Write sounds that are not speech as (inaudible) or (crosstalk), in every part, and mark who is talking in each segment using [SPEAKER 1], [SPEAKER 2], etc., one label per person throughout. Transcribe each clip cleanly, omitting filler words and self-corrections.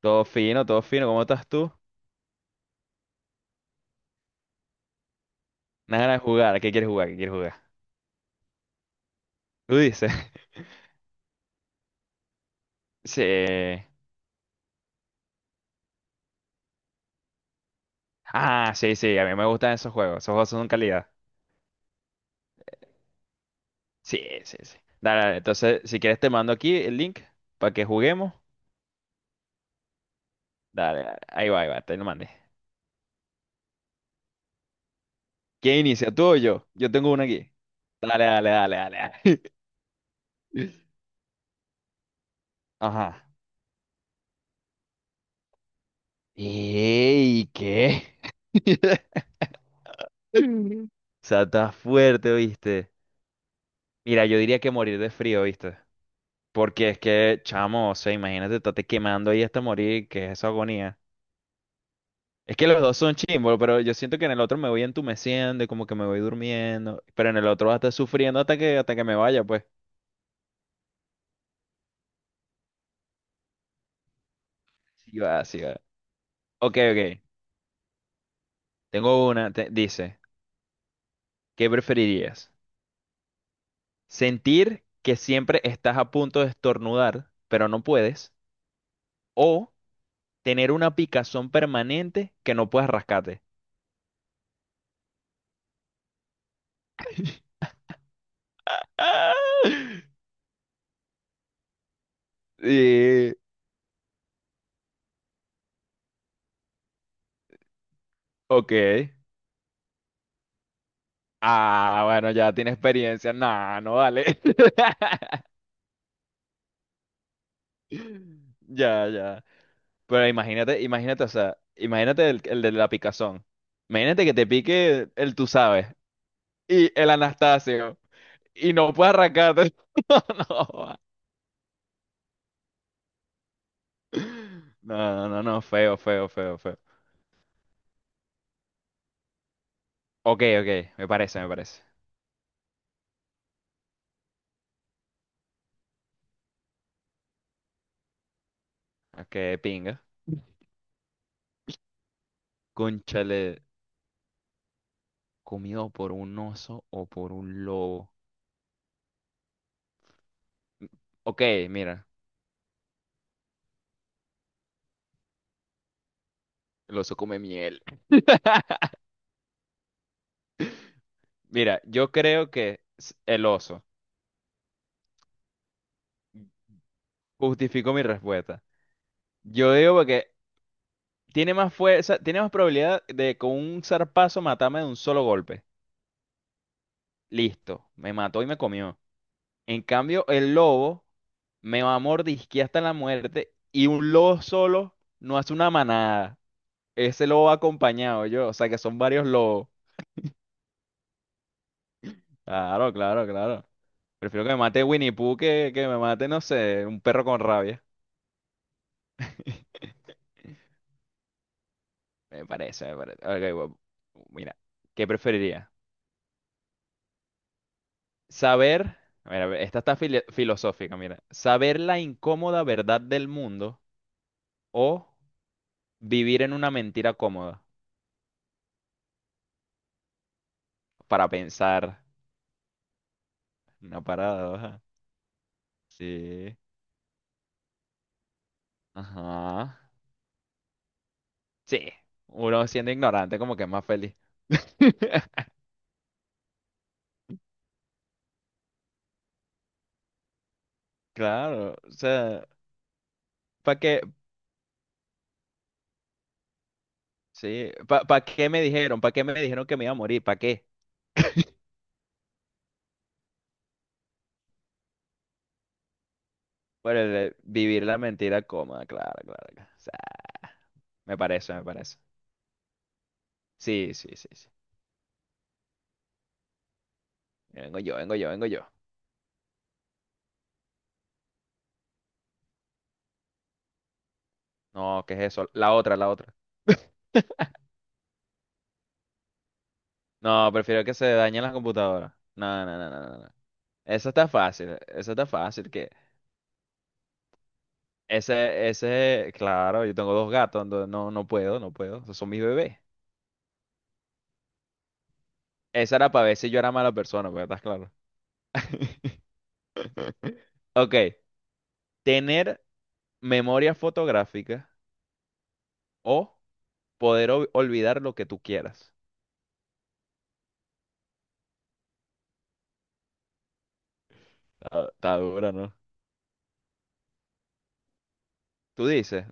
[SPEAKER 1] Todo fino, todo fino. ¿Cómo estás tú? Nada ganas de jugar. ¿A ¿Qué quieres jugar? ¿Qué quieres jugar? Tú dices. (laughs) Sí. Ah, sí, sí. A mí me gustan esos juegos. Esos juegos son calidad. Sí, sí, sí. Dale, dale. Entonces, si quieres, te mando aquí el link para que juguemos. Dale, dale. Ahí va, ahí va. Te lo mandé. ¿Quién inicia? ¿Tú o yo? Yo tengo una aquí. Dale, dale, dale, dale, dale. (laughs) Ajá. ¿Qué? (laughs) O sea, está fuerte, ¿viste? Mira, yo diría que morir de frío, ¿viste? Porque es que, chamo, o sea, imagínate, estarte quemando ahí hasta morir, que es esa agonía. Es que los dos son chimbos, pero yo siento que en el otro me voy entumeciendo y como que me voy durmiendo, pero en el otro vas a estar sufriendo hasta que me vaya, pues. Sí va, sí va. Ok, ok. Tengo una, dice, ¿qué preferirías? ¿Sentir que siempre estás a punto de estornudar, pero no puedes? ¿O tener una picazón permanente que no puedes rascarte? (laughs) Ah, sí, ok. Ah, bueno, ya tiene experiencia. No, no vale. (laughs) Ya, ya. Pero imagínate, imagínate, o sea, imagínate el de la picazón. Imagínate que te pique el, tú sabes y el Anastasio y no puedes arrancarte. (laughs) No, no, no, no, no, feo, feo, feo, feo. Ok, ok, me parece, me parece. Ok, pinga. Cónchale, comido por un oso o por un lobo. Ok, mira, el oso come miel. Mira, yo creo que el oso. Justifico mi respuesta. Yo digo porque tiene más fuerza, tiene más probabilidad de con un zarpazo matarme de un solo golpe. Listo, me mató y me comió. En cambio, el lobo me va a mordisquear hasta la muerte y un lobo solo no hace una manada. Ese lobo va acompañado yo, o sea que son varios lobos. Claro, claro, claro. Prefiero que me mate Winnie Pooh que me mate, no sé, un perro con rabia. (laughs) Me parece, me parece. Ok, bueno, mira, ¿qué preferiría? Saber, mira, esta está filosófica, mira. Saber la incómoda verdad del mundo o vivir en una mentira cómoda para pensar. Una parada, sí. Ajá. Sí. Uno siendo ignorante como que es más feliz. (laughs) Claro, o sea, ¿para qué? Sí, ¿para qué me dijeron? ¿Para qué me dijeron que me iba a morir? ¿Para qué? (laughs) Por vivir la mentira cómoda, claro, claro, claro. Me parece, me parece. Sí, sí, sí, sí. Vengo yo, vengo yo, vengo yo. No, ¿qué es eso? La otra, la otra. (laughs) No, prefiero que se dañen las computadoras. No, no, no, no, no, no. Eso está fácil, eso está fácil. Que ese, claro, yo tengo dos gatos, entonces no, no puedo, no puedo. Esos son mis bebés. Esa era para ver si yo era mala persona, pero estás claro. (laughs) Ok, tener memoria fotográfica o poder olvidar lo que tú quieras. Está dura, ¿no? Tú dices,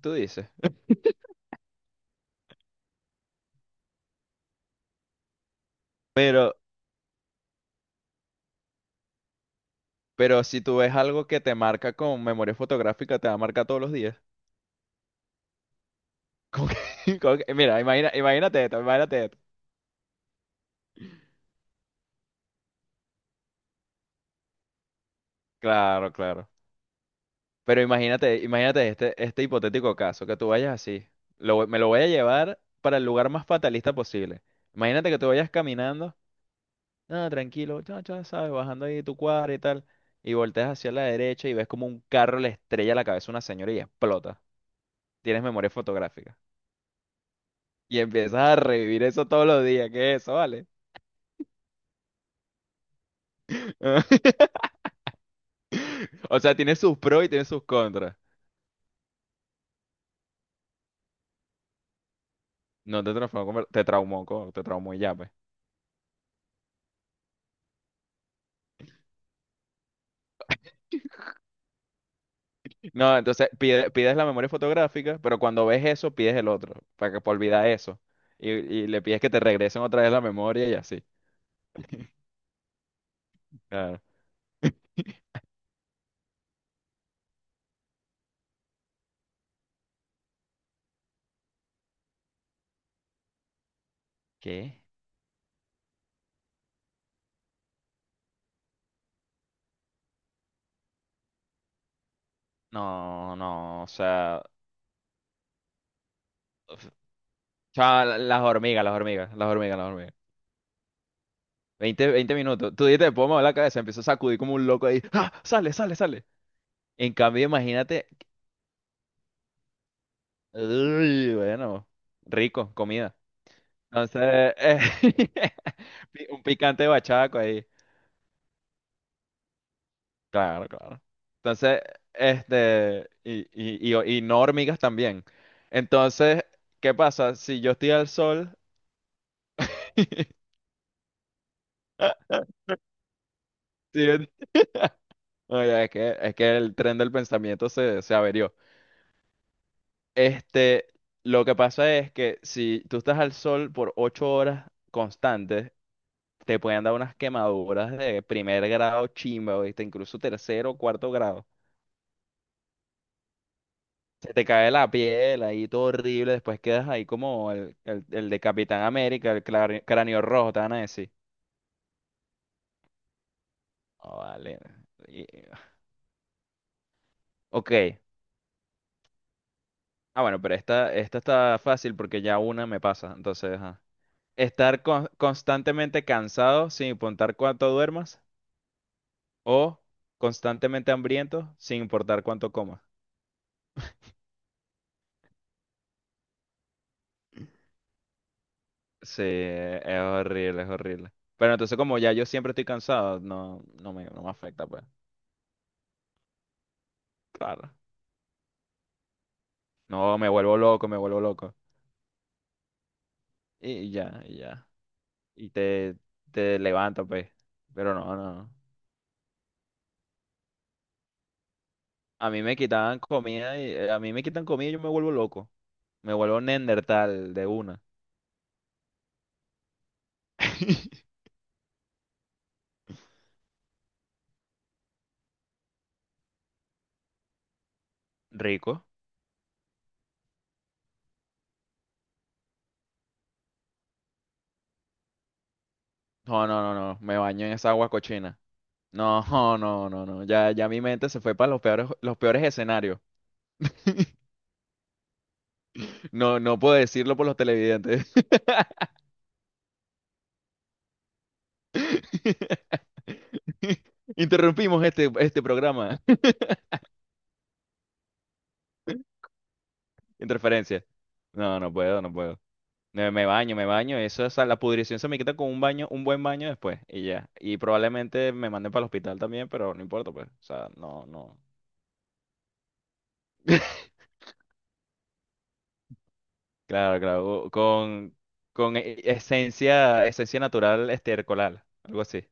[SPEAKER 1] tú dices. Pero, pero si tú ves algo que te marca con memoria fotográfica, te va a marcar todos los días. (laughs) Mira, imagina, imagínate esto, imagínate esto. Claro, claro. Pero imagínate, imagínate este hipotético caso, que tú vayas así. Me lo voy a llevar para el lugar más fatalista posible. Imagínate que tú vayas caminando, ah, tranquilo, cha, cha, sabes, bajando ahí tu cuadra y tal, y volteas hacia la derecha y ves como un carro le estrella la cabeza a una señora y explota. Tienes memoria fotográfica. Y empiezas a revivir eso todos los días. ¿Qué es eso, vale? (laughs) O sea, tiene sus pros y tiene sus contras. No te transformó, te traumó, te traumó y ya, pues. No, entonces pides la memoria fotográfica, pero cuando ves eso, pides el otro, para olvidar eso. Y le pides que te regresen otra vez la memoria y así. Claro. ¿Qué? No, no, o sea, f- chaval, las hormigas, las hormigas, las hormigas, las hormigas. Veinte minutos. Tú dices, puedo mover la cabeza, empiezo a sacudir como un loco ahí. ¡Ah! Sale, sale, sale. En cambio, imagínate. Uy, bueno, rico, comida. Entonces, eh, (laughs) un picante bachaco ahí. Claro, claro. Entonces, y no hormigas también. Entonces, ¿qué pasa? Si yo estoy al sol, (laughs) sí, oye, es que el tren del pensamiento se, se averió. Este, lo que pasa es que si tú estás al sol por 8 horas constantes, te pueden dar unas quemaduras de primer grado chimba, ¿viste? Incluso tercero o cuarto grado. Se te cae la piel ahí, todo horrible. Después quedas ahí como el de Capitán América, el cráneo rojo, te van a decir. Oh, vale. Y- Ok. Ah, bueno, pero esta está fácil porque ya una me pasa. Entonces, ajá. Estar constantemente cansado sin importar cuánto duermas o constantemente hambriento sin importar cuánto comas. Sí, es horrible, es horrible. Pero entonces como ya yo siempre estoy cansado, no, no me afecta, pues. Claro. No, me vuelvo loco, me vuelvo loco. Y ya, y ya. Y te levantas, pues. Pero no, no. A mí me quitaban comida y a mí me quitan comida y yo me vuelvo loco. Me vuelvo Neandertal de una. (laughs) Rico. No, no, no, no. Me baño en esa agua cochina. No, (laughs) no, no, no. Ya, ya mi mente se fue para los peores escenarios. (laughs) No, no puedo decirlo por los televidentes. (laughs) Interrumpimos este programa. (laughs) Interferencia. No, no puedo, no puedo. Me baño, me baño. Eso, es la pudrición se me quita con un baño, un buen baño después y ya. Y probablemente me manden para el hospital también, pero no importa, pues. O sea, no, no. (laughs) Claro, claro. Con esencia natural estercolal, algo así.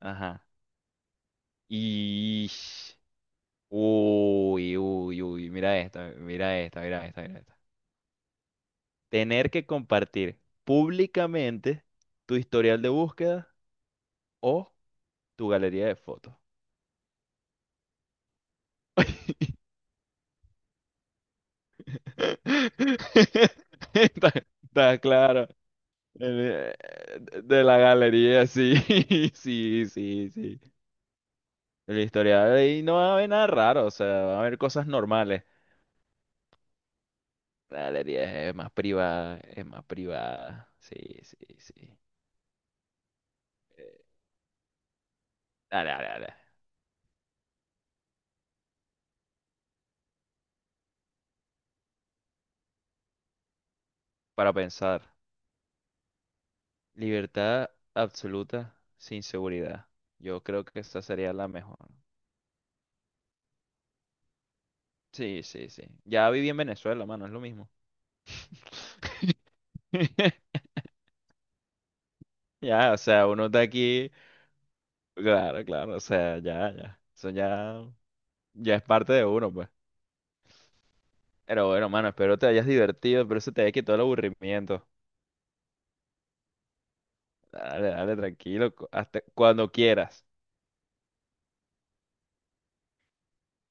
[SPEAKER 1] Ajá. Y uy, uy, uy, mira esta, mira esta, mira esta, mira esta. Tener que compartir públicamente tu historial de búsqueda o tu galería de fotos. (laughs) Está, está claro. El, eh, de la galería, sí, (laughs) sí, sí, sí. El historial ahí no va a haber nada raro, o sea, va a haber cosas normales. La galería es más privada, es más privada. Sí, sí, sí. Eh, dale, dale, dale. Para pensar. Libertad absoluta sin seguridad. Yo creo que esa sería la mejor. Sí, sí, sí. Ya viví en Venezuela, mano, es lo mismo. (laughs) Ya, o sea, uno está aquí. Claro, claro, o sea, ya, ya. Eso ya, ya es parte de uno, pues. Pero bueno, mano, espero te hayas divertido, pero eso te haya quitado el aburrimiento. Dale, dale, tranquilo, hasta cuando quieras.